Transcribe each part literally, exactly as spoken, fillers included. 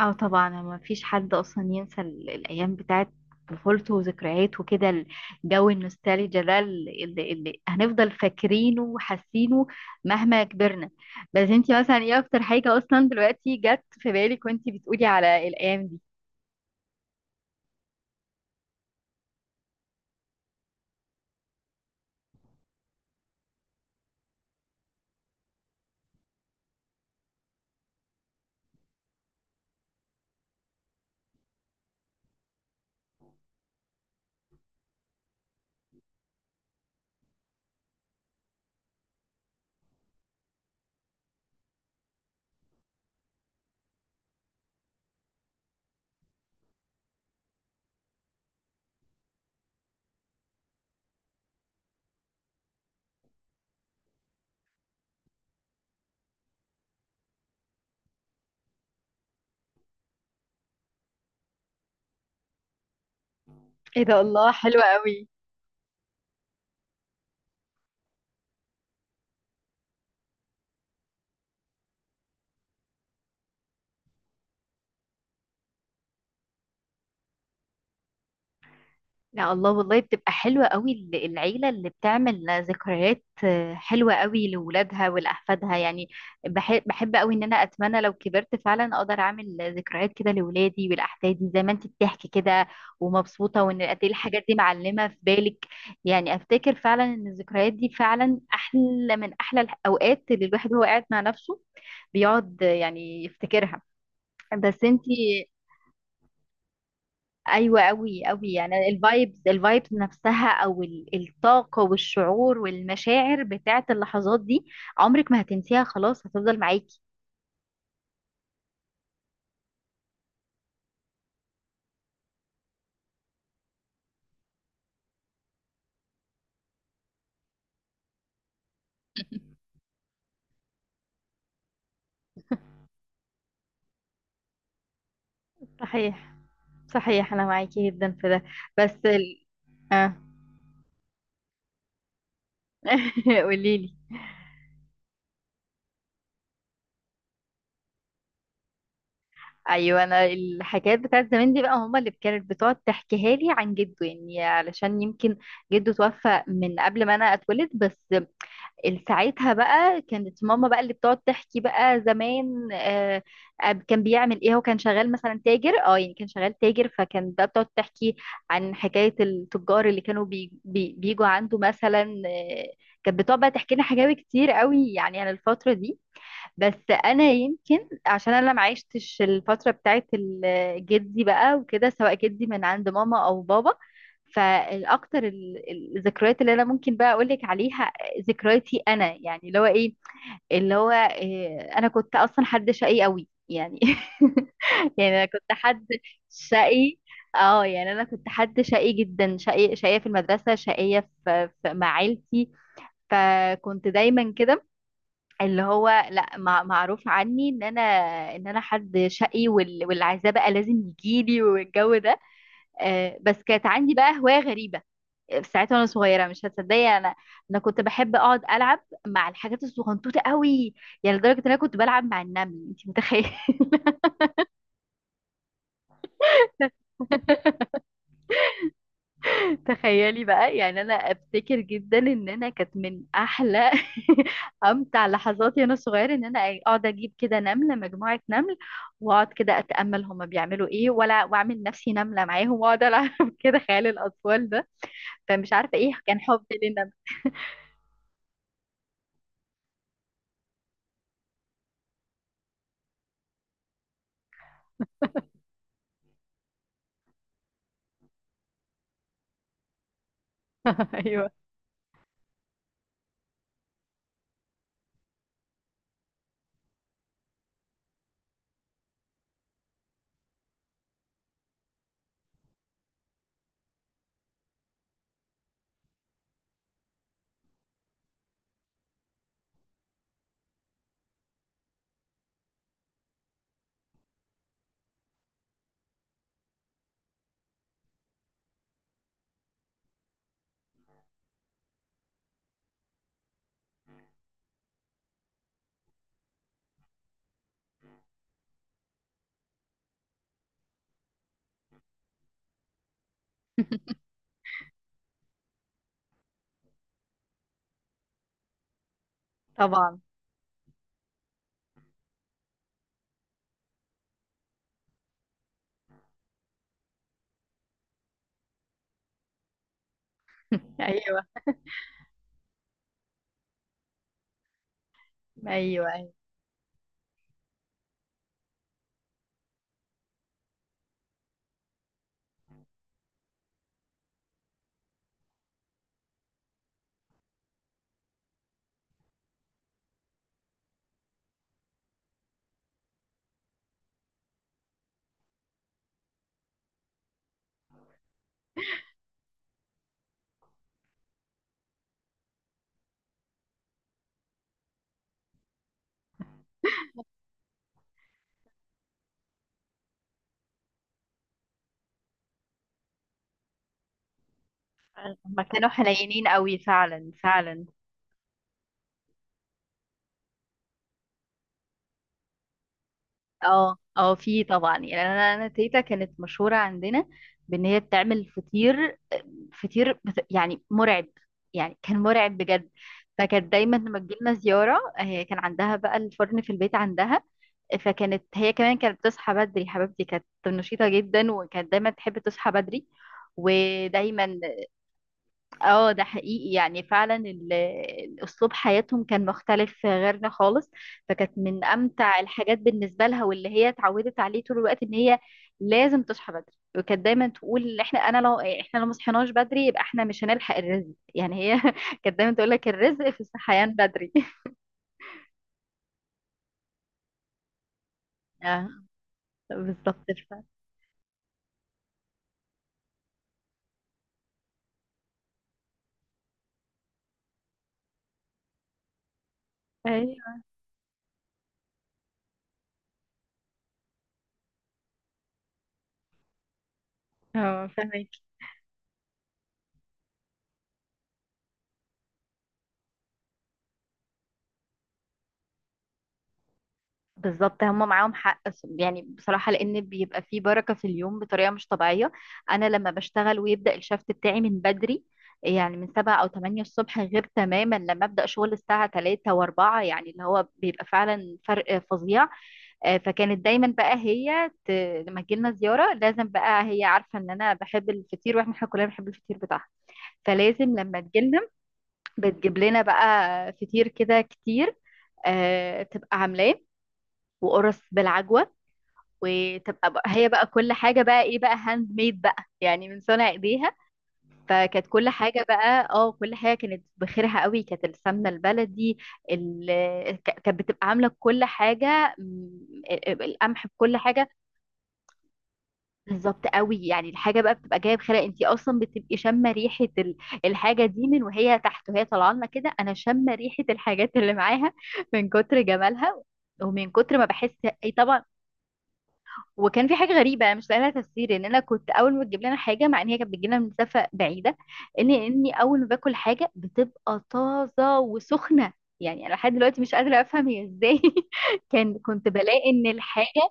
اه طبعا، ما فيش حد اصلا ينسى ال- الايام بتاعت طفولته وذكرياته وكده. الجو النوستالجيا ده اللي, اللي هنفضل فاكرينه وحاسينه مهما كبرنا. بس انتي مثلا ايه اكتر حاجة اصلا دلوقتي جت في بالك وانتي بتقولي على الايام دي؟ ايه ده، الله، حلوة قوي. لا، الله، والله بتبقى حلوة قوي، ال- العيلة اللي بتعمل ذكريات آه، حلوة قوي لولادها ولأحفادها يعني. بحب, بحب قوي ان انا اتمنى لو كبرت فعلا اقدر اعمل ذكريات كده لولادي ولأحفادي زي ما انت بتحكي كده. ومبسوطة، وان قد ايه الحاجات دي معلمة في بالك. يعني افتكر فعلا ان الذكريات دي فعلا احلى من احلى الاوقات اللي الواحد هو قاعد مع نفسه بيقعد آه، يعني يفتكرها. بس انت. ايوه، قوي قوي، يعني الفايبز الفايبز نفسها او ال- الطاقه والشعور والمشاعر بتاعه اللحظات دي. عمرك ما هتنسيها، خلاص هتفضل معاكي. صحيح، صحيح انا معاكي جدا في ده. بس ال... اه. قولي لي. ايوه، انا الحكايات بتاعت زمان دي بقى هما اللي كانت بتقعد تحكيها لي عن جده، يعني علشان يمكن جده توفى من قبل ما انا اتولد. بس ال- ساعتها بقى كانت ماما بقى اللي بتقعد تحكي بقى زمان. آه، آه، كان بيعمل ايه، هو كان شغال مثلا تاجر، اه يعني كان شغال تاجر، فكان بقى بتقعد تحكي عن حكاية التجار اللي كانوا بي بي بيجوا عنده مثلا. آه، كانت بتقعد بقى تحكي لنا حكاوي كتير قوي يعني عن الفترة دي. بس انا يمكن عشان انا ما عشتش الفتره بتاعت ال- جدي بقى وكده، سواء جدي من عند ماما او بابا. فالاكتر ال- ال- الذكريات اللي انا ممكن بقى اقول لك عليها، ذكرياتي انا يعني، اللي هو ايه اللي هو إيه انا كنت اصلا حد شقي قوي يعني. يعني انا كنت حد شقي. اه، يعني انا كنت حد شقي جدا، شقي، شقيه في المدرسه، شقيه في في- مع عيلتي. فكنت دايما كده، اللي هو لا، مع- معروف عني ان انا ان انا حد شقي، وال- واللي عايزاه بقى لازم يجيلي، والجو ده. آه، بس كانت عندي بقى هواية غريبة. آه، في ساعتها وانا صغيرة، مش هتصدقي، انا انا كنت بحب اقعد العب مع الحاجات الصغنطوطة قوي، يعني لدرجة ان انا كنت بلعب مع النمل، انت متخيلة؟ تخيلي بقى، يعني انا افتكر جدا ان انا كانت من احلى امتع لحظاتي وانا صغيره، ان انا اقعد اجيب كده نمله، مجموعه نمل، واقعد كده اتامل هما بيعملوا ايه، ولا واعمل نفسي نمله معاهم واقعد العب كده، خيال الاطفال ده، فمش عارفه ايه كان حبي للنمل. ايوه طبعا. ايوه، ايوه. ايوه، هما كانوا حنينين قوي، فعلا، فعلا. اه، اه، في طبعا، يعني انا انا تيتا كانت مشهوره عندنا بان هي بتعمل فطير، فطير بت- يعني مرعب، يعني كان مرعب بجد. فكانت دايما لما تجيلنا زياره، هي كان عندها بقى الفرن في البيت عندها، فكانت هي كمان كانت بتصحى بدري، حبيبتي كانت نشيطه جدا، وكانت دايما تحب تصحى بدري ودايما. اه ده حقيقي، يعني فعلا ال- الاسلوب حياتهم كان مختلف غيرنا خالص. فكانت من امتع الحاجات بالنسبه لها واللي هي اتعودت عليه طول الوقت، ان هي لازم تصحى بدري، وكانت دايما تقول، احنا انا لو احنا لو ما صحيناش بدري يبقى احنا مش هنلحق الرزق، يعني هي كانت دايما تقول لك الرزق في الصحيان بدري. اه بالظبط ف- ايوه. اه، فاهمك. بالظبط، هم معاهم حق، س- يعني بصراحة، لأن بيبقى فيه بركة في اليوم بطريقة مش طبيعية. أنا لما بشتغل ويبدأ الشفت بتاعي من بدري، يعني من سبعة أو تمانية الصبح، غير تماما لما أبدأ شغل الساعة تلاتة وأربعة، يعني اللي هو بيبقى فعلا فرق فظيع. آه، فكانت دايما بقى هي ت... لما تجيلنا زيارة لازم بقى هي عارفة إن أنا بحب الفطير، وإحنا كلنا بنحب الفطير بتاعها، فلازم لما تجيلنا بتجيب لنا بقى فطير كده كتير. آه، بتبقى عاملاه، وقرص بالعجوة، وتبقى بقى هي بقى كل حاجة بقى ايه بقى هاند ميد بقى، يعني من صنع ايديها. فكانت كل حاجة بقى، اه كل حاجة كانت بخيرها قوي، كانت السمنة البلدي، ال- ك- كانت بتبقى عاملة كل حاجة، م- القمح بكل حاجة. بالظبط قوي، يعني الحاجة بقى بتبقى جاية بخيرها، انت اصلا بتبقي شامة ريحة ال- الحاجة دي من وهي تحت، وهي طالعة لنا كده انا شامة ريحة الحاجات اللي معاها من كتر جمالها، ومن كتر ما بحس. اي طبعا. وكان في حاجه غريبه انا مش لاقي لها تفسير، ان انا كنت اول ما بتجيب لنا حاجه، مع ان هي كانت بتجي لنا من مسافه بعيده، ان اني اول ما باكل حاجه بتبقى طازه وسخنه. يعني انا لحد دلوقتي مش قادره افهم هي ازاي. كان كنت بلاقي ان الحاجه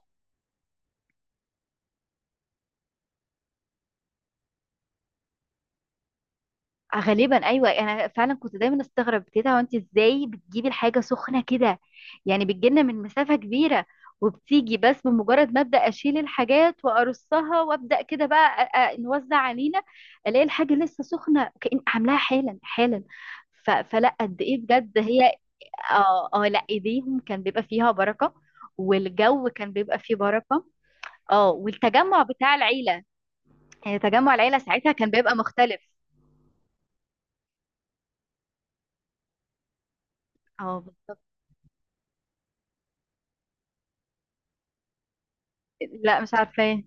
غالبا، ايوه، انا فعلا كنت دايما استغرب، تيتا وانت ازاي بتجيبي الحاجه سخنه كده، يعني بتجيلنا من مسافه كبيره وبتيجي، بس بمجرد ما ابدا اشيل الحاجات وارصها، وابدا كده بقى أ- أ- نوزع علينا، الاقي الحاجه لسه سخنه، كأن عاملاها حالا حالا. ف... فلا قد ايه بجد هي. اه اه، لا، ايديهم كان بيبقى فيها بركه، والجو كان بيبقى فيه بركه. اه، والتجمع بتاع العيله، يعني تجمع العيله ساعتها كان بيبقى مختلف. اه بالظبط. لا، مش عارفه إيه.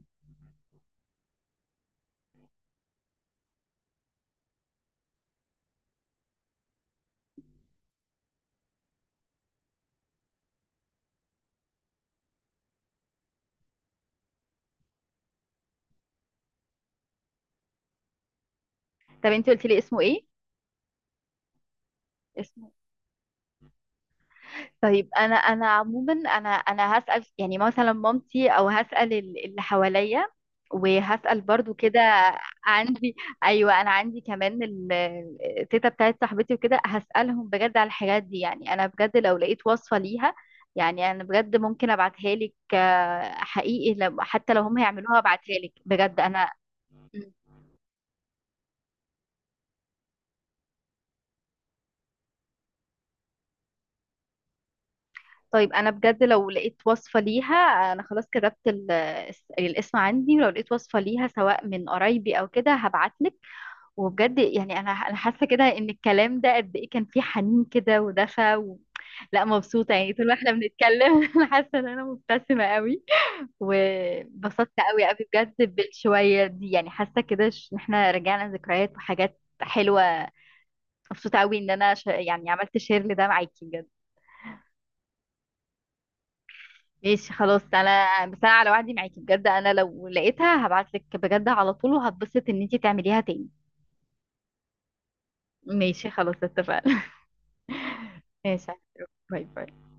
طب انت قلتي لي اسمه ايه؟ اسمه؟ طيب انا انا عموما، انا انا هسأل، يعني مثلا مامتي، او هسأل ال- اللي حواليا، وهسأل برضو كده. عندي. ايوه، انا عندي كمان ال- التيتا بتاعت صاحبتي وكده، هسألهم بجد على الحاجات دي، يعني انا بجد لو لقيت وصفة ليها، يعني انا بجد ممكن ابعتها لك، آه، حقيقي لو- حتى لو هم هيعملوها ابعتها لك، بجد انا. طيب انا بجد لو لقيت وصفة ليها، انا خلاص كتبت ال- الس- الاسم عندي، ولو لقيت وصفة ليها سواء من قرايبي او كده، هبعتلك. وبجد يعني انا انا حاسة كده ان الكلام ده قد ايه كان فيه حنين كده ودفى و... لا، مبسوطة، يعني طول ما احنا بنتكلم انا حاسة ان انا مبتسمة قوي، وبسطت قوي قوي بجد بالشوية دي، يعني حاسة كده ش- ان احنا رجعنا ذكريات وحاجات حلوة. مبسوطة قوي ان انا ش... يعني عملت شير لده معاكي بجد. ماشي خلاص، انا بس انا على وعدي معاكي، بجد انا لو لقيتها هبعتلك بجد على طول، وهتبسط ان انتي تعمليها تاني. ماشي خلاص اتفقنا. ماشي. باي باي.